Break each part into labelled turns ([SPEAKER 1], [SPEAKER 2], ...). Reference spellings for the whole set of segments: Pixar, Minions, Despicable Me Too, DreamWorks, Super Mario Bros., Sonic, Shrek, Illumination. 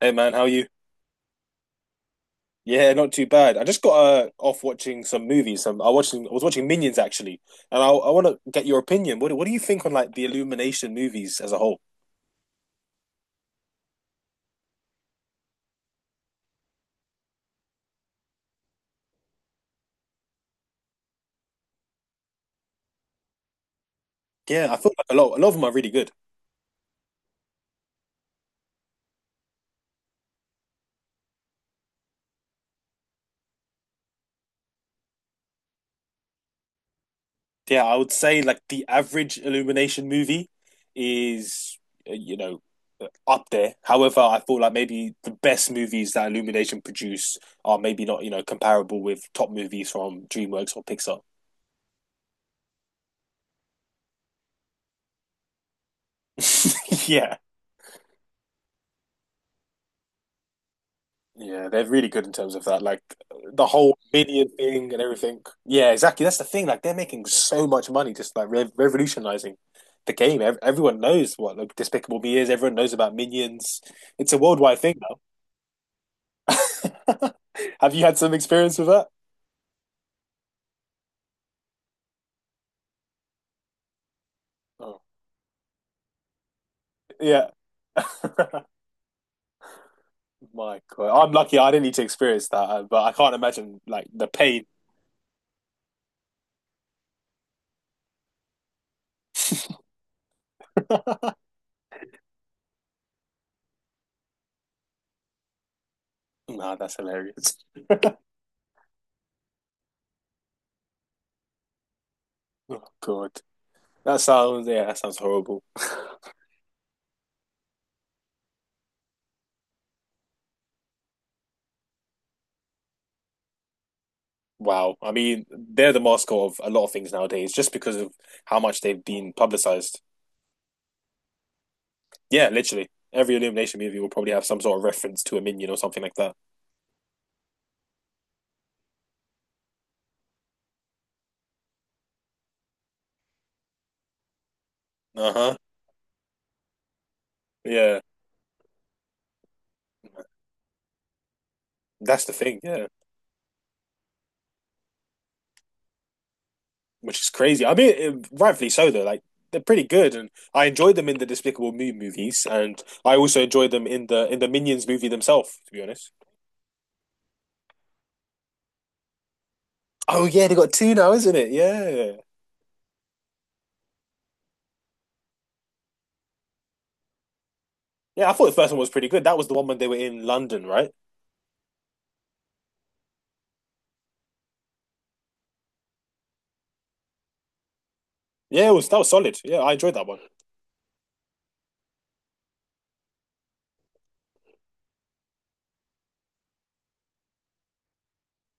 [SPEAKER 1] Hey man, how are you? Yeah, not too bad. I just got off watching some movies. Some I watching I was watching Minions actually, and I want to get your opinion. What do you think on like the Illumination movies as a whole? Yeah, I feel like a lot of them are really good. Yeah, I would say like the average Illumination movie is uh, you know up there. However, I feel like maybe the best movies that Illumination produce are maybe not you know comparable with top movies from DreamWorks or Pixar. Yeah. Yeah, they're really good in terms of that. Like the whole media thing and everything. Yeah, exactly. That's the thing. Like they're making so much money, just like re revolutionizing the game. Ev Everyone knows what like Despicable Me is. Everyone knows about Minions. It's a worldwide thing now. Have you had some experience with that? Oh, yeah. My God, I'm lucky. I didn't need to experience that, but I can't imagine like the pain. Nah, that's hilarious. Oh God, that sounds yeah, that sounds horrible. Wow. I mean, they're the mascot of a lot of things nowadays just because of how much they've been publicized. Yeah, literally. Every Illumination movie will probably have some sort of reference to a minion or something like that. Uh-huh. Yeah. That's the thing. Yeah. Which is crazy. I mean, it, rightfully so, though. Like, they're pretty good. And I enjoyed them in the Despicable Me movies. And I also enjoyed them in the Minions movie themselves, to be honest. Oh, yeah. They got two now, isn't it? Yeah. Yeah. I thought the first one was pretty good. That was the one when they were in London, right? Yeah. It was, that was solid. Yeah. I enjoyed that one.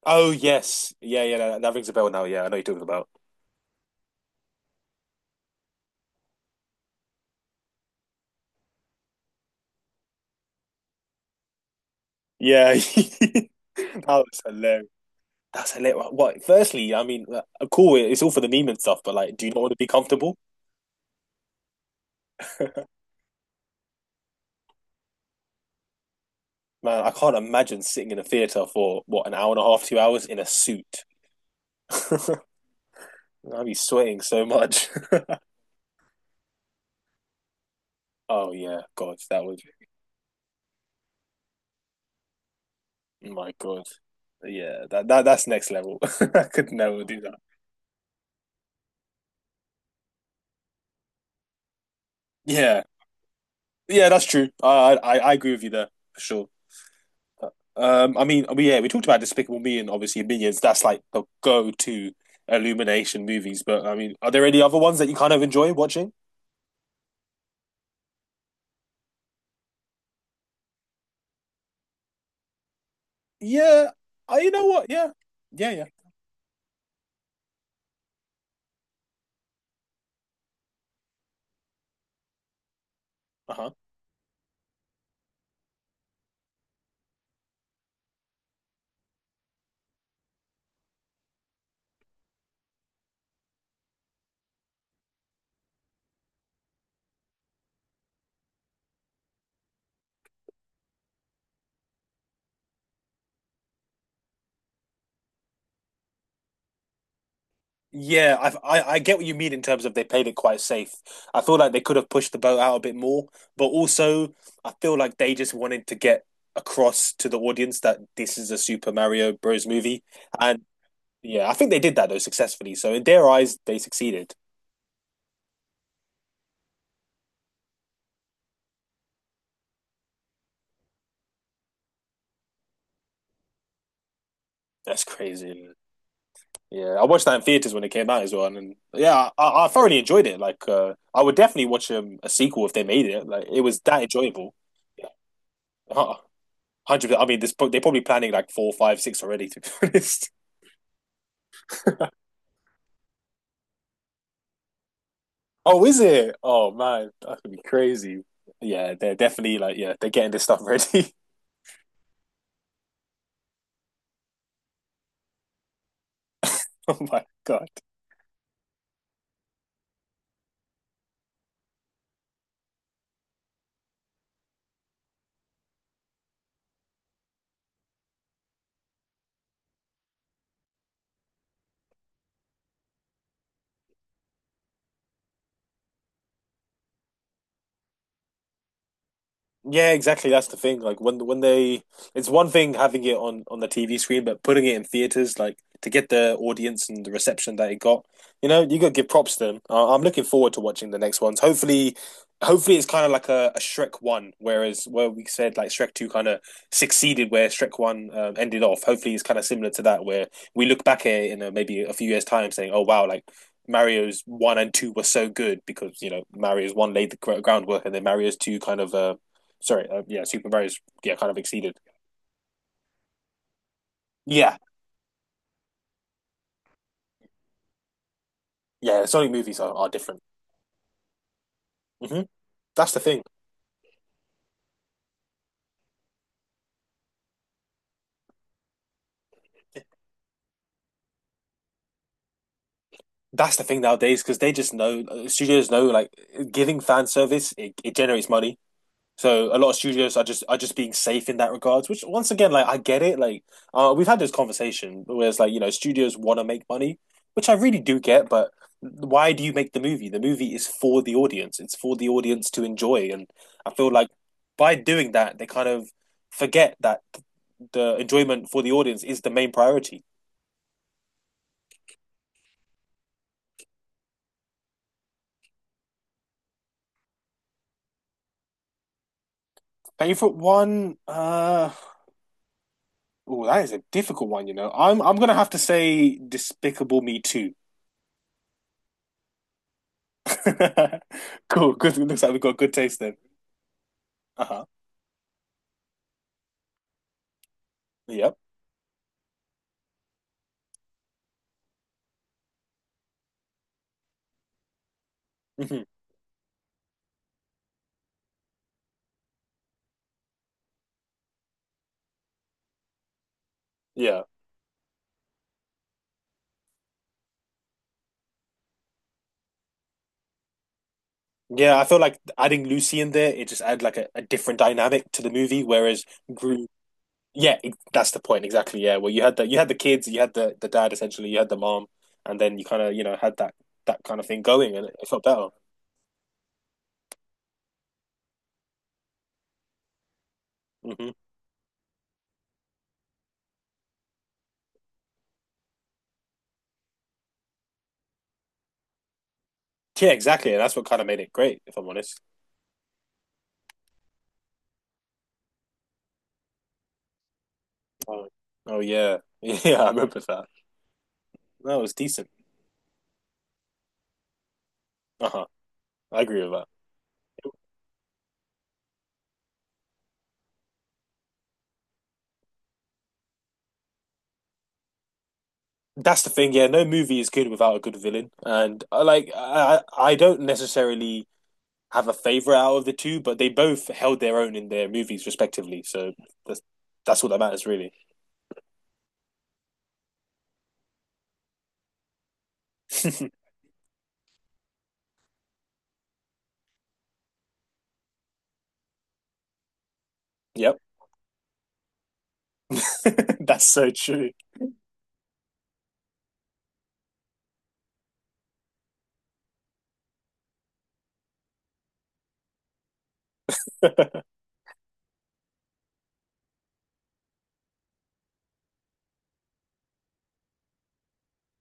[SPEAKER 1] Oh yes, yeah, yeah, that rings a bell now. Yeah, I know what you're talking about. Yeah, that was hilarious. That's hilarious. What? Firstly, I mean, cool. It's all for the meme and stuff, but like, do you not want to be comfortable? Man, I can't imagine sitting in a theater for what an hour and a half, 2 hours in a suit. I'd be sweating so much. Oh yeah, God, that would. My God. Yeah, that that's next level. I could never do that. Yeah, yeah, that's true. I agree with you there for sure. I mean, yeah, we talked about Despicable Me and obviously Minions. That's like the go-to Illumination movies. But I mean, are there any other ones that you kind of enjoy watching? Yeah, I, you know what? Yeah, yeah, yeah. Uh-huh. Yeah, I get what you mean in terms of they played it quite safe. I feel like they could have pushed the boat out a bit more, but also I feel like they just wanted to get across to the audience that this is a Super Mario Bros. Movie, and yeah, I think they did that though successfully. So in their eyes, they succeeded. That's crazy. Yeah, I watched that in theaters when it came out as well, and yeah, I thoroughly enjoyed it. Like, I would definitely watch a sequel if they made it. Like, it was that enjoyable. Yeah, uh, 100%. I mean, they're probably planning like four, five, six already. To be honest. Oh, is it? Oh man, that could be crazy. Yeah, they're definitely like yeah, they're getting this stuff ready. Oh my God. Yeah, exactly. That's the thing. Like when they, it's one thing having it on the TV screen, but putting it in theaters, like to get the audience and the reception that it got, you know, you got to give props to them. I'm looking forward to watching the next ones. Hopefully, hopefully it's kind of like a Shrek one, whereas where we said like Shrek two kind of succeeded where Shrek one ended off. Hopefully, it's kind of similar to that, where we look back at it in a, maybe a few years' time, saying, "Oh wow, like." Mario's one and two were so good because you know Mario's one laid the groundwork and then Mario's two kind of Sorry, yeah, superheroes yeah kind of exceeded. Yeah, yeah, Sonic movies are different. Hmm. That's the thing. That's the thing nowadays because they just know studios know like giving fan service it, it generates money. So a lot of studios are just being safe in that regards. Which once again, like I get it. Like we've had this conversation where it's like you know studios want to make money, which I really do get. But why do you make the movie? The movie is for the audience. It's for the audience to enjoy. And I feel like by doing that, they kind of forget that the enjoyment for the audience is the main priority. Favorite one? Oh, that is a difficult one. You know, I'm gonna have to say Despicable Me Too. Cool. Good. Looks like we've got good taste then. Uh huh. Yep. Hmm. Yeah. Yeah. I feel like adding Lucy in there, it just add like a different dynamic to the movie. Whereas Gru, yeah, that's the point exactly. Yeah. Well, you had the kids, you had the dad essentially, you had the mom, and then you kind of you know had that kind of thing going, and it felt better. Hmm. Yeah, exactly. And that's what kind of made it great, if I'm honest. Oh, oh yeah. Yeah, I remember that. That was decent. Uh-huh. I agree with that. That's the thing, yeah. No movie is good without a good villain. And I like I don't necessarily have a favorite out of the two, but they both held their own in their movies respectively. So that's that's all that matters really. Yep. That's so true.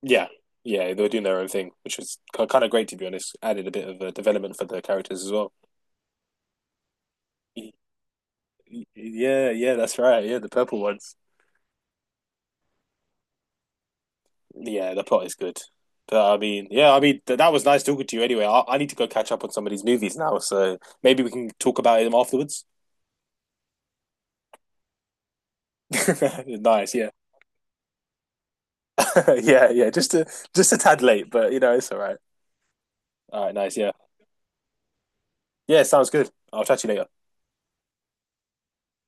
[SPEAKER 1] Yeah. Yeah, they were doing their own thing, which was kind of great to be honest. Added a bit of a development for the characters as well. Yeah, yeah, that's right. Yeah, the purple ones. Yeah, the plot is good. But I mean, yeah, I mean th that was nice talking to you. Anyway, I need to go catch up on some of these movies now, so maybe we can talk about them afterwards. Nice, yeah, yeah, yeah. Just a tad late, but you know it's all right. All right, nice, yeah, yeah. Sounds good. I'll chat to you later.